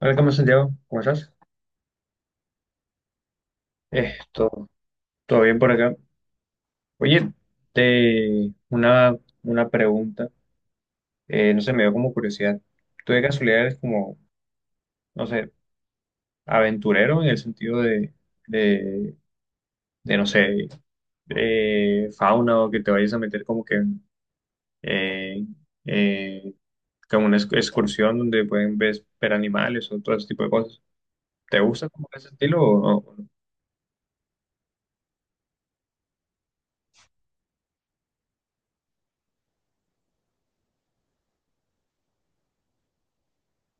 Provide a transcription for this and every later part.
Hola, ¿cómo estás, Santiago? ¿Cómo estás? Esto, ¿todo bien por acá? Oye, te, una pregunta, no sé, me dio como curiosidad. ¿Tú de casualidad eres como, no sé, aventurero en el sentido de, de, no sé, fauna o que te vayas a meter como que en eh, eh, como una excursión donde pueden ver, ver animales o todo ese tipo de cosas? ¿Te gusta como ese estilo o- no?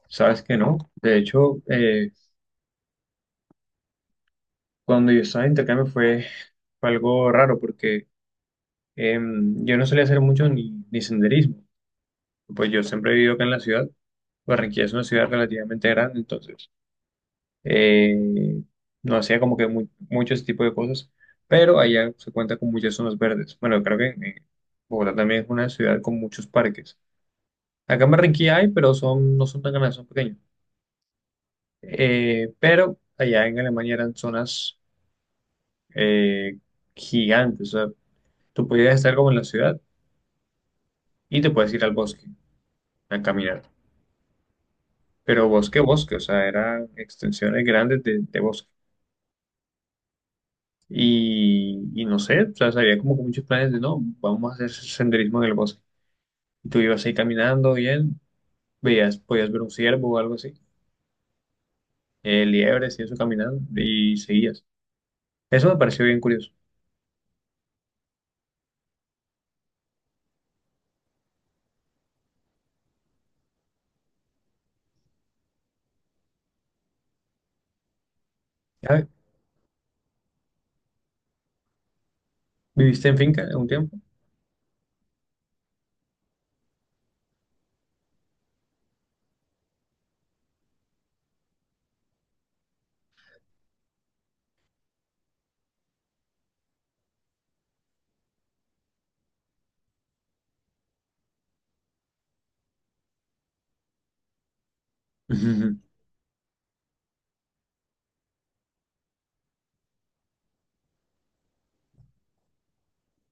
¿Sabes que no? De hecho, cuando yo estaba de intercambio fue, fue algo raro porque yo no solía hacer mucho ni, ni senderismo. Pues yo siempre he vivido acá en la ciudad. Barranquilla es una ciudad relativamente grande, entonces eh, no hacía como que mucho ese tipo de cosas. Pero allá se cuenta con muchas zonas verdes. Bueno, creo que Bogotá también es una ciudad con muchos parques. Acá en Barranquilla hay, pero son, no son tan grandes, son pequeños. Pero allá en Alemania eran zonas eh, gigantes. O sea, tú podías estar como en la ciudad y te puedes ir al bosque a caminar. Pero bosque, bosque, o sea, eran extensiones grandes de bosque. Y no sé, o sea, había como que muchos planes de no, vamos a hacer senderismo en el bosque. Y tú ibas ahí caminando bien, veías, podías ver un ciervo o algo así, liebres y eso caminando, y seguías. Eso me pareció bien curioso. Ah, ¿viviste en finca un tiempo?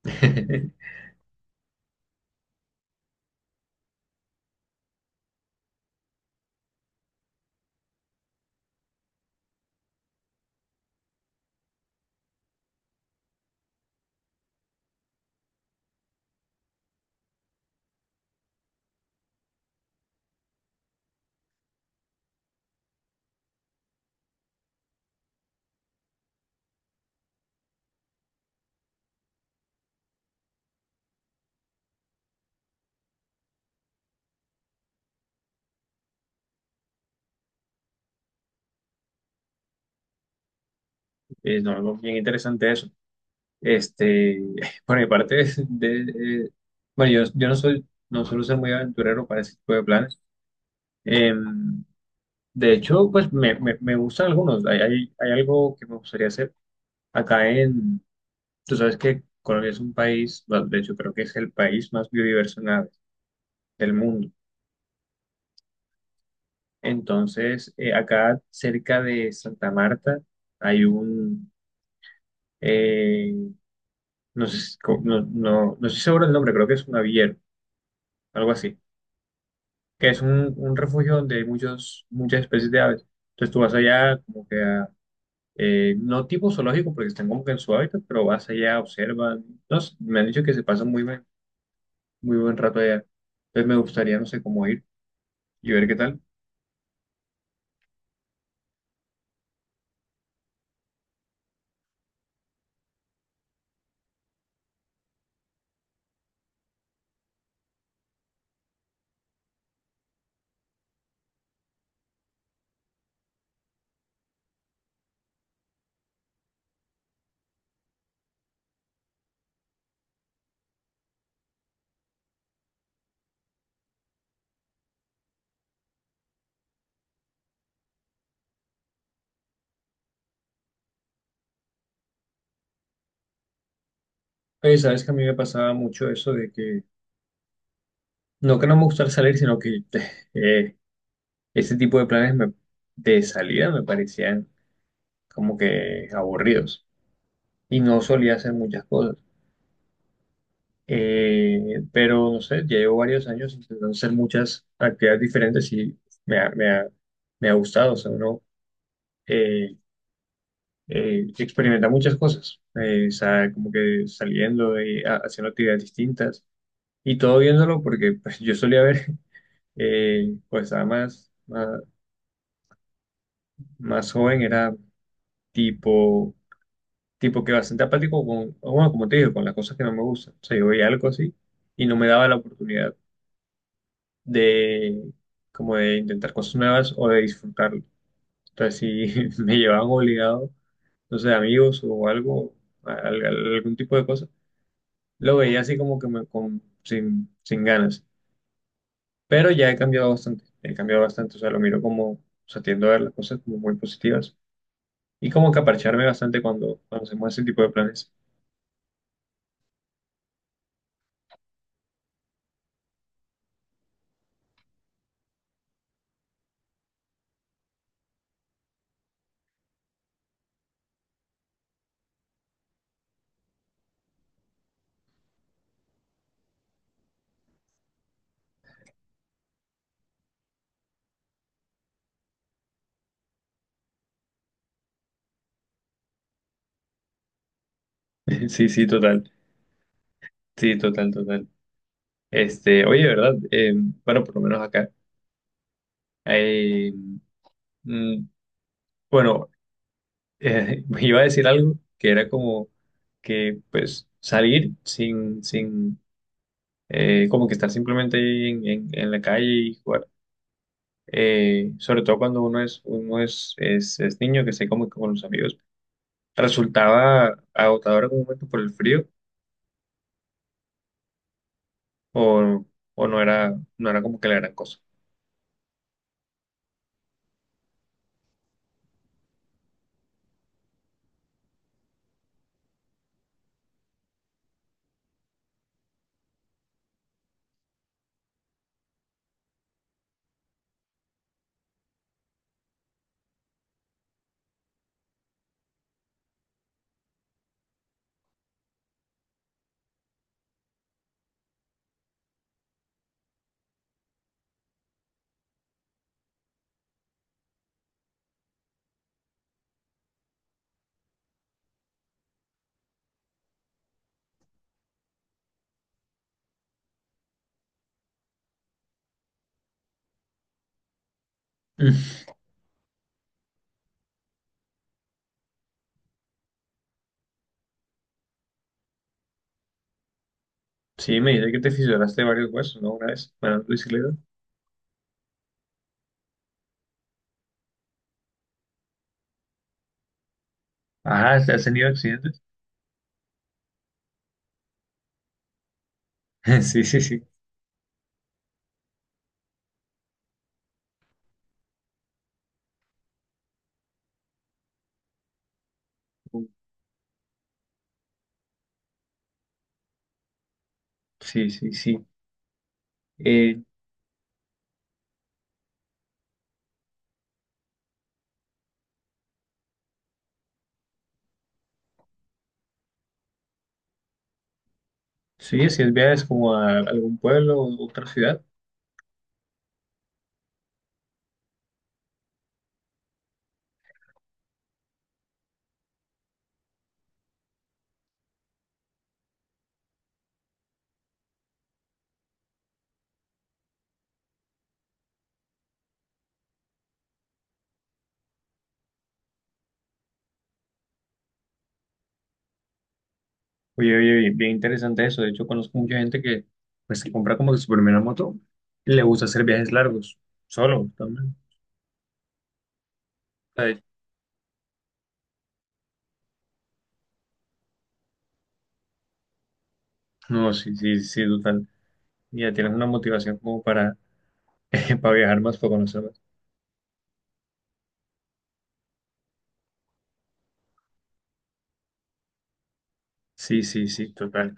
Es no, algo bien interesante eso. Este, por mi parte, de, bueno, yo no soy, no suelo ser muy aventurero para ese tipo de planes. Em, de hecho, pues me gustan algunos. Hay algo que me gustaría hacer acá en, tú sabes que Colombia es un país, bueno, de hecho creo que es el país más biodiverso en aves del mundo. Entonces, acá cerca de Santa Marta hay un, eh, no sé, si- no, no, no estoy seguro del nombre, creo que es un aviero, algo así que es un refugio donde hay muchos, muchas especies de aves. Entonces tú vas allá como que a, no tipo zoológico porque están como que en su hábitat, pero vas allá, observan. No sé, me han dicho que se pasa muy buen rato allá. Entonces me gustaría, no sé, cómo ir y ver qué tal. Oye, sabes que a mí me pasaba mucho eso de que no me gustara salir, sino que eh, este tipo de planes de salida me parecían como que aburridos. Y no solía hacer muchas cosas. Pero no sé, ya llevo varios años intentando hacer muchas actividades diferentes y me ha, me ha gustado. O sea, uno eh, experimenta muchas cosas, o sea, como que saliendo y haciendo actividades distintas y todo viéndolo, porque pues, yo solía ver, pues estaba más, más, más joven, era tipo, tipo que bastante apático con, bueno, como te digo, con las cosas que no me gustan. O sea, yo veía algo así y no me daba la oportunidad de como de intentar cosas nuevas o de disfrutarlo. Entonces, si me llevaban obligado, no sé, amigos o algo, algún tipo de cosa, lo veía así como que me, con, sin, sin ganas. Pero ya he cambiado bastante, o sea, lo miro como, o sea, tiendo a ver las cosas como muy positivas y como que aparcharme bastante cuando, cuando hacemos ese tipo de planes. Sí, sí, total, total. Este, oye, ¿verdad? Bueno, por lo menos acá. eh, mm, bueno, iba a decir algo que era como que pues salir sin, sin como que estar simplemente ahí en, en la calle y jugar. Sobre todo cuando uno es niño que se comunica con los amigos. Resultaba agotador en algún momento por el frío o, o no era, no era como que la gran cosa. Mm. Sí, me dice que te fisuraste varios huesos, ¿no? Una vez, manejando bicicleta. Ajá, ¿has tenido accidentes? Sí, sí, sí. Sí, sí, sí. Eh, sí, si es viajes como a algún pueblo o otra ciudad. Oye, oye, oye, bien interesante eso. De hecho, conozco mucha gente que pues se compra como que su primera moto y le gusta hacer viajes largos, solo también. Ay, no, sí, sí, sí, total. Ya tienes una motivación como para, para viajar más, para conocer más. Sí, sí, sí, total.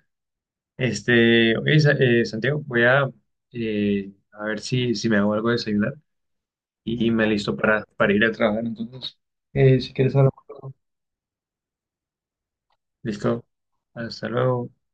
Este, oye, Santiago, voy a ver si, si me hago algo de desayunar y me listo para ir a trabajar. Entonces, si quieres hablar. Listo. Hasta luego.